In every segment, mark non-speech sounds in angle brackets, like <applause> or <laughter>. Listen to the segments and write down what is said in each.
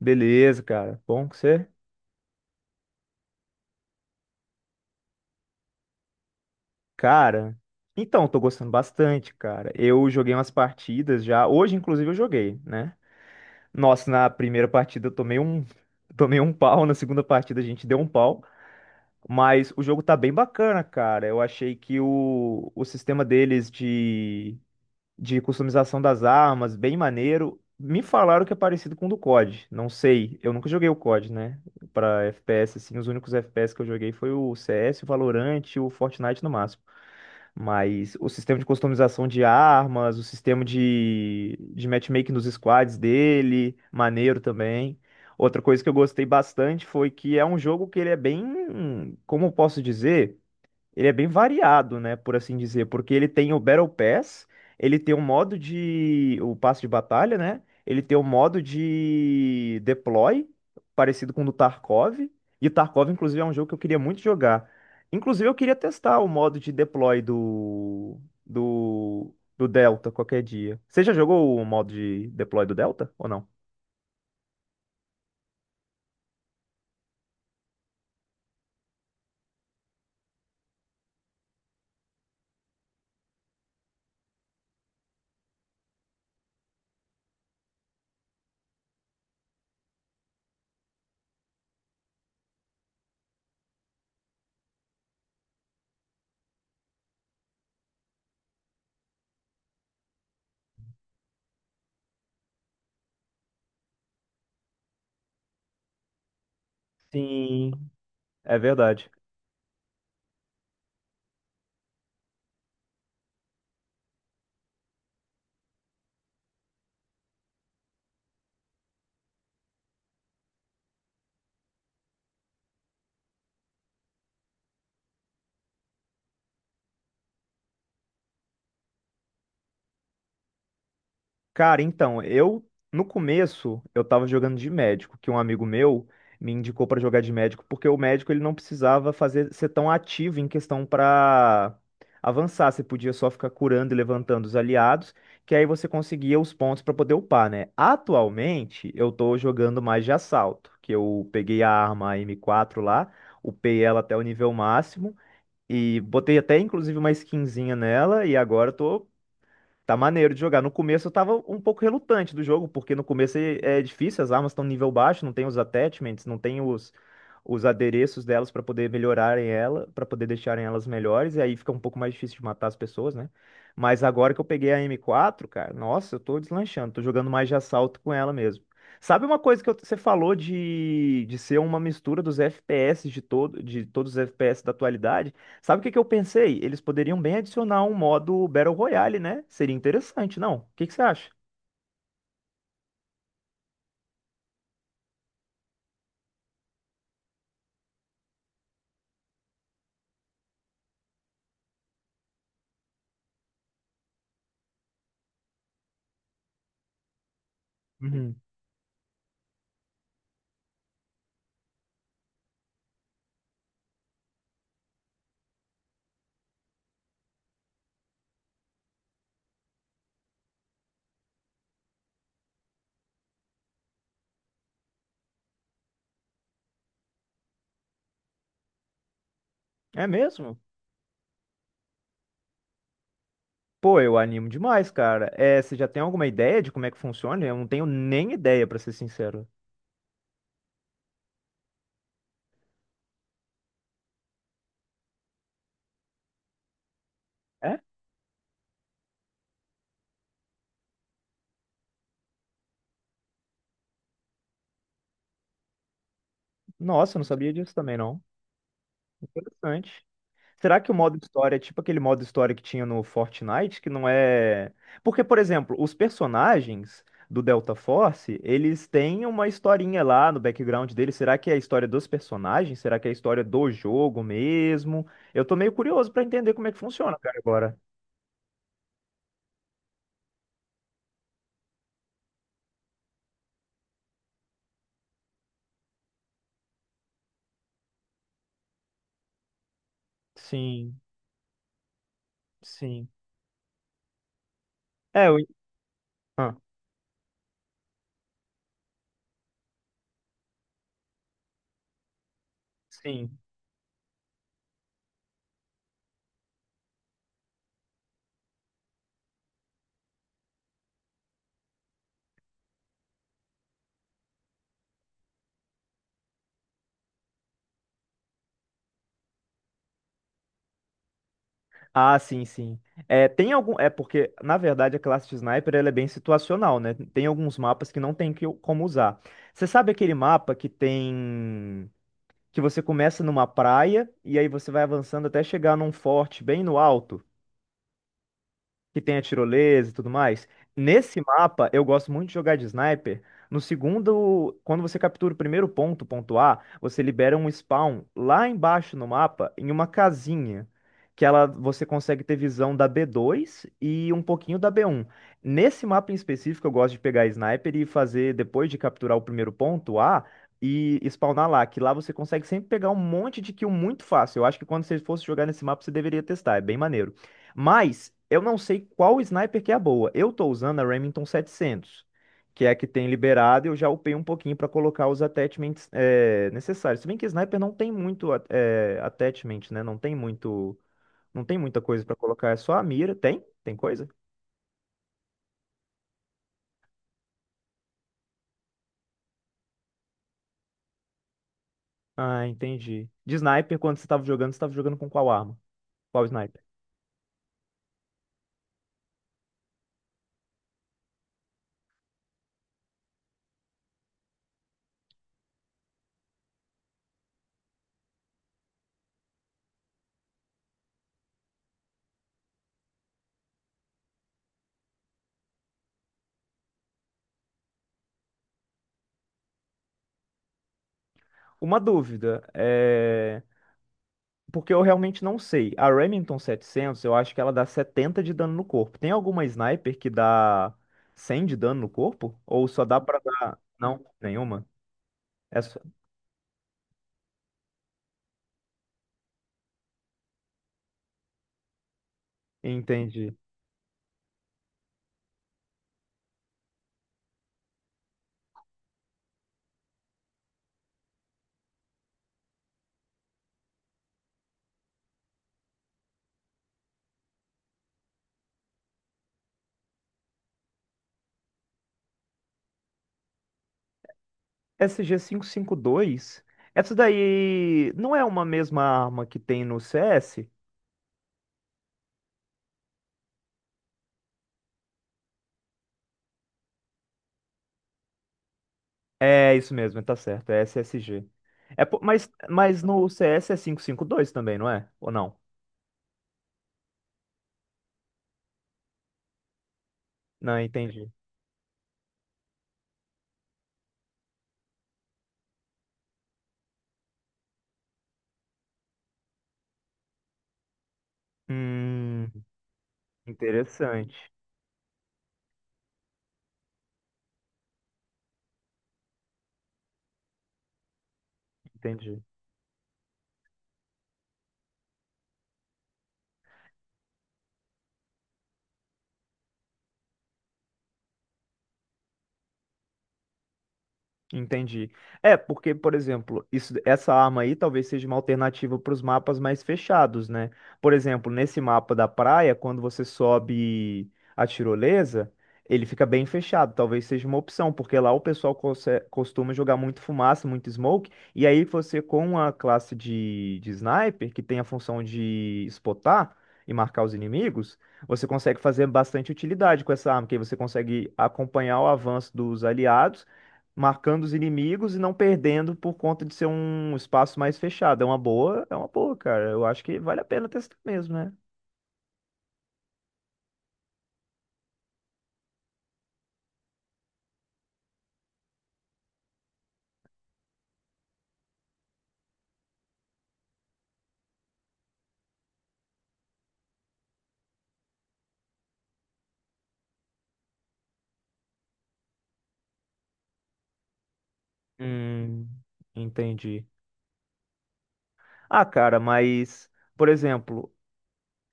Beleza, cara. Bom que você. Cara, então, tô gostando bastante, cara. Eu joguei umas partidas já. Hoje, inclusive, eu joguei, né? Nossa, na primeira partida eu tomei um, <laughs> tomei um pau. Na segunda partida a gente deu um pau. Mas o jogo tá bem bacana, cara. Eu achei que o sistema deles de customização das armas, bem maneiro. Me falaram que é parecido com o do COD. Não sei, eu nunca joguei o COD, né? Pra FPS, assim, os únicos FPS que eu joguei foi o CS, o Valorant e o Fortnite no máximo. Mas o sistema de customização de armas, o sistema de matchmaking nos squads dele, maneiro também. Outra coisa que eu gostei bastante foi que é um jogo que ele é bem, como eu posso dizer? Ele é bem variado, né, por assim dizer, porque ele tem o Battle Pass, ele tem o modo de o passe de batalha, né? Ele tem o modo de deploy, parecido com o do Tarkov, e o Tarkov inclusive é um jogo que eu queria muito jogar. Inclusive eu queria testar o modo de deploy do Delta qualquer dia. Você já jogou o modo de deploy do Delta ou não? Sim, é verdade. Cara, então, eu no começo eu tava jogando de médico, que um amigo meu me indicou pra jogar de médico, porque o médico ele não precisava fazer ser tão ativo em questão pra avançar, você podia só ficar curando e levantando os aliados, que aí você conseguia os pontos pra poder upar, né? Atualmente eu tô jogando mais de assalto, que eu peguei a arma M4 lá, upei ela até o nível máximo e botei até inclusive uma skinzinha nela e agora eu tô tá maneiro de jogar. No começo eu tava um pouco relutante do jogo, porque no começo é difícil, as armas estão nível baixo, não tem os attachments, não tem os adereços delas pra poder melhorarem ela, pra poder deixarem elas melhores, e aí fica um pouco mais difícil de matar as pessoas, né? Mas agora que eu peguei a M4, cara, nossa, eu tô deslanchando, tô jogando mais de assalto com ela mesmo. Sabe uma coisa você falou de ser uma mistura dos FPS de todos os FPS da atualidade? Sabe o que que eu pensei? Eles poderiam bem adicionar um modo Battle Royale, né? Seria interessante, não? O que que você acha? Uhum. É mesmo? Pô, eu animo demais, cara. É, você já tem alguma ideia de como é que funciona? Eu não tenho nem ideia, pra ser sincero. É? Nossa, eu não sabia disso também, não. Interessante. Será que o modo história é tipo aquele modo história que tinha no Fortnite, que não é... Porque, por exemplo, os personagens do Delta Force, eles têm uma historinha lá no background deles. Será que é a história dos personagens? Será que é a história do jogo mesmo? Eu tô meio curioso pra entender como é que funciona, cara, agora. Sim, sim. É, eu... Ah, sim. Ah, sim, sim. É, tem algum. É porque, na verdade, a classe de sniper ela é bem situacional, né? Tem alguns mapas que não tem que, como usar. Você sabe aquele mapa que tem. Que você começa numa praia e aí você vai avançando até chegar num forte bem no alto? Que tem a tirolesa e tudo mais. Nesse mapa, eu gosto muito de jogar de sniper. No segundo, quando você captura o primeiro ponto, ponto A, você libera um spawn lá embaixo no mapa, em uma casinha, que ela você consegue ter visão da B2 e um pouquinho da B1. Nesse mapa em específico, eu gosto de pegar sniper e fazer, depois de capturar o primeiro ponto A, e spawnar lá, que lá você consegue sempre pegar um monte de kill muito fácil. Eu acho que quando você fosse jogar nesse mapa, você deveria testar, é bem maneiro. Mas eu não sei qual sniper que é a boa. Eu tô usando a Remington 700, que é a que tem liberado. Eu já upei um pouquinho para colocar os attachments necessários. Se bem que sniper não tem muito attachment, né? Não tem muita coisa para colocar. É só a mira. Tem? Tem coisa? Ah, entendi. De sniper, quando você estava jogando com qual arma? Qual sniper? Uma dúvida, é, porque eu realmente não sei. A Remington setecentos eu acho que ela dá 70 de dano no corpo. Tem alguma sniper que dá 100 de dano no corpo? Ou só dá pra dar... Não, nenhuma? Essa... Entendi. SG dois, essa daí não é uma mesma arma que tem no CS? É isso mesmo, tá certo, é SSG. É, mas no CS é 552 também, não é? Ou não? Não, entendi. Hum, interessante. Entendi. Entendi. É, porque, por exemplo, isso, essa arma aí talvez seja uma alternativa para os mapas mais fechados, né? Por exemplo, nesse mapa da praia, quando você sobe a tirolesa, ele fica bem fechado. Talvez seja uma opção, porque lá o pessoal costuma jogar muito fumaça, muito smoke, e aí você, com a classe de sniper, que tem a função de spotar e marcar os inimigos. Você consegue fazer bastante utilidade com essa arma, que aí você consegue acompanhar o avanço dos aliados marcando os inimigos e não perdendo por conta de ser um espaço mais fechado. É uma boa, cara. Eu acho que vale a pena testar mesmo, né? Hum, entendi. Ah, cara, mas, por exemplo,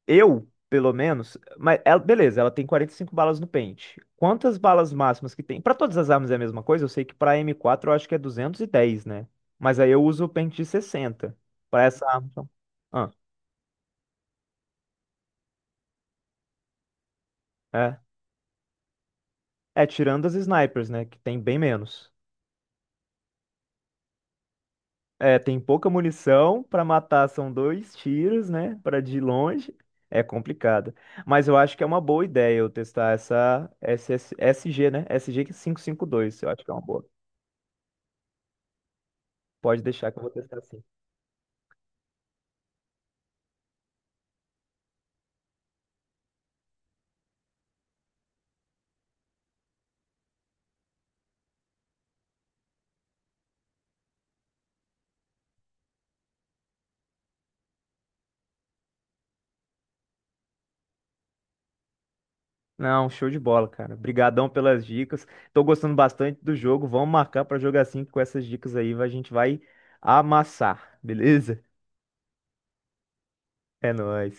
eu, pelo menos, mas ela, beleza, ela tem 45 balas no pente. Quantas balas máximas que tem? Pra todas as armas é a mesma coisa? Eu sei que pra M4 eu acho que é 210, né? Mas aí eu uso o pente de 60. Pra essa arma. Então. Ah, é. É, tirando as snipers, né? Que tem bem menos. É, tem pouca munição pra matar, são dois tiros, né? Pra de longe. É complicado. Mas eu acho que é uma boa ideia eu testar essa SS SG, né? SG dois eu acho que é uma boa. Pode deixar que eu vou testar sim. Não, show de bola, cara. Obrigadão pelas dicas. Tô gostando bastante do jogo. Vamos marcar pra jogar assim que com essas dicas aí, a gente vai amassar, beleza? É nóis.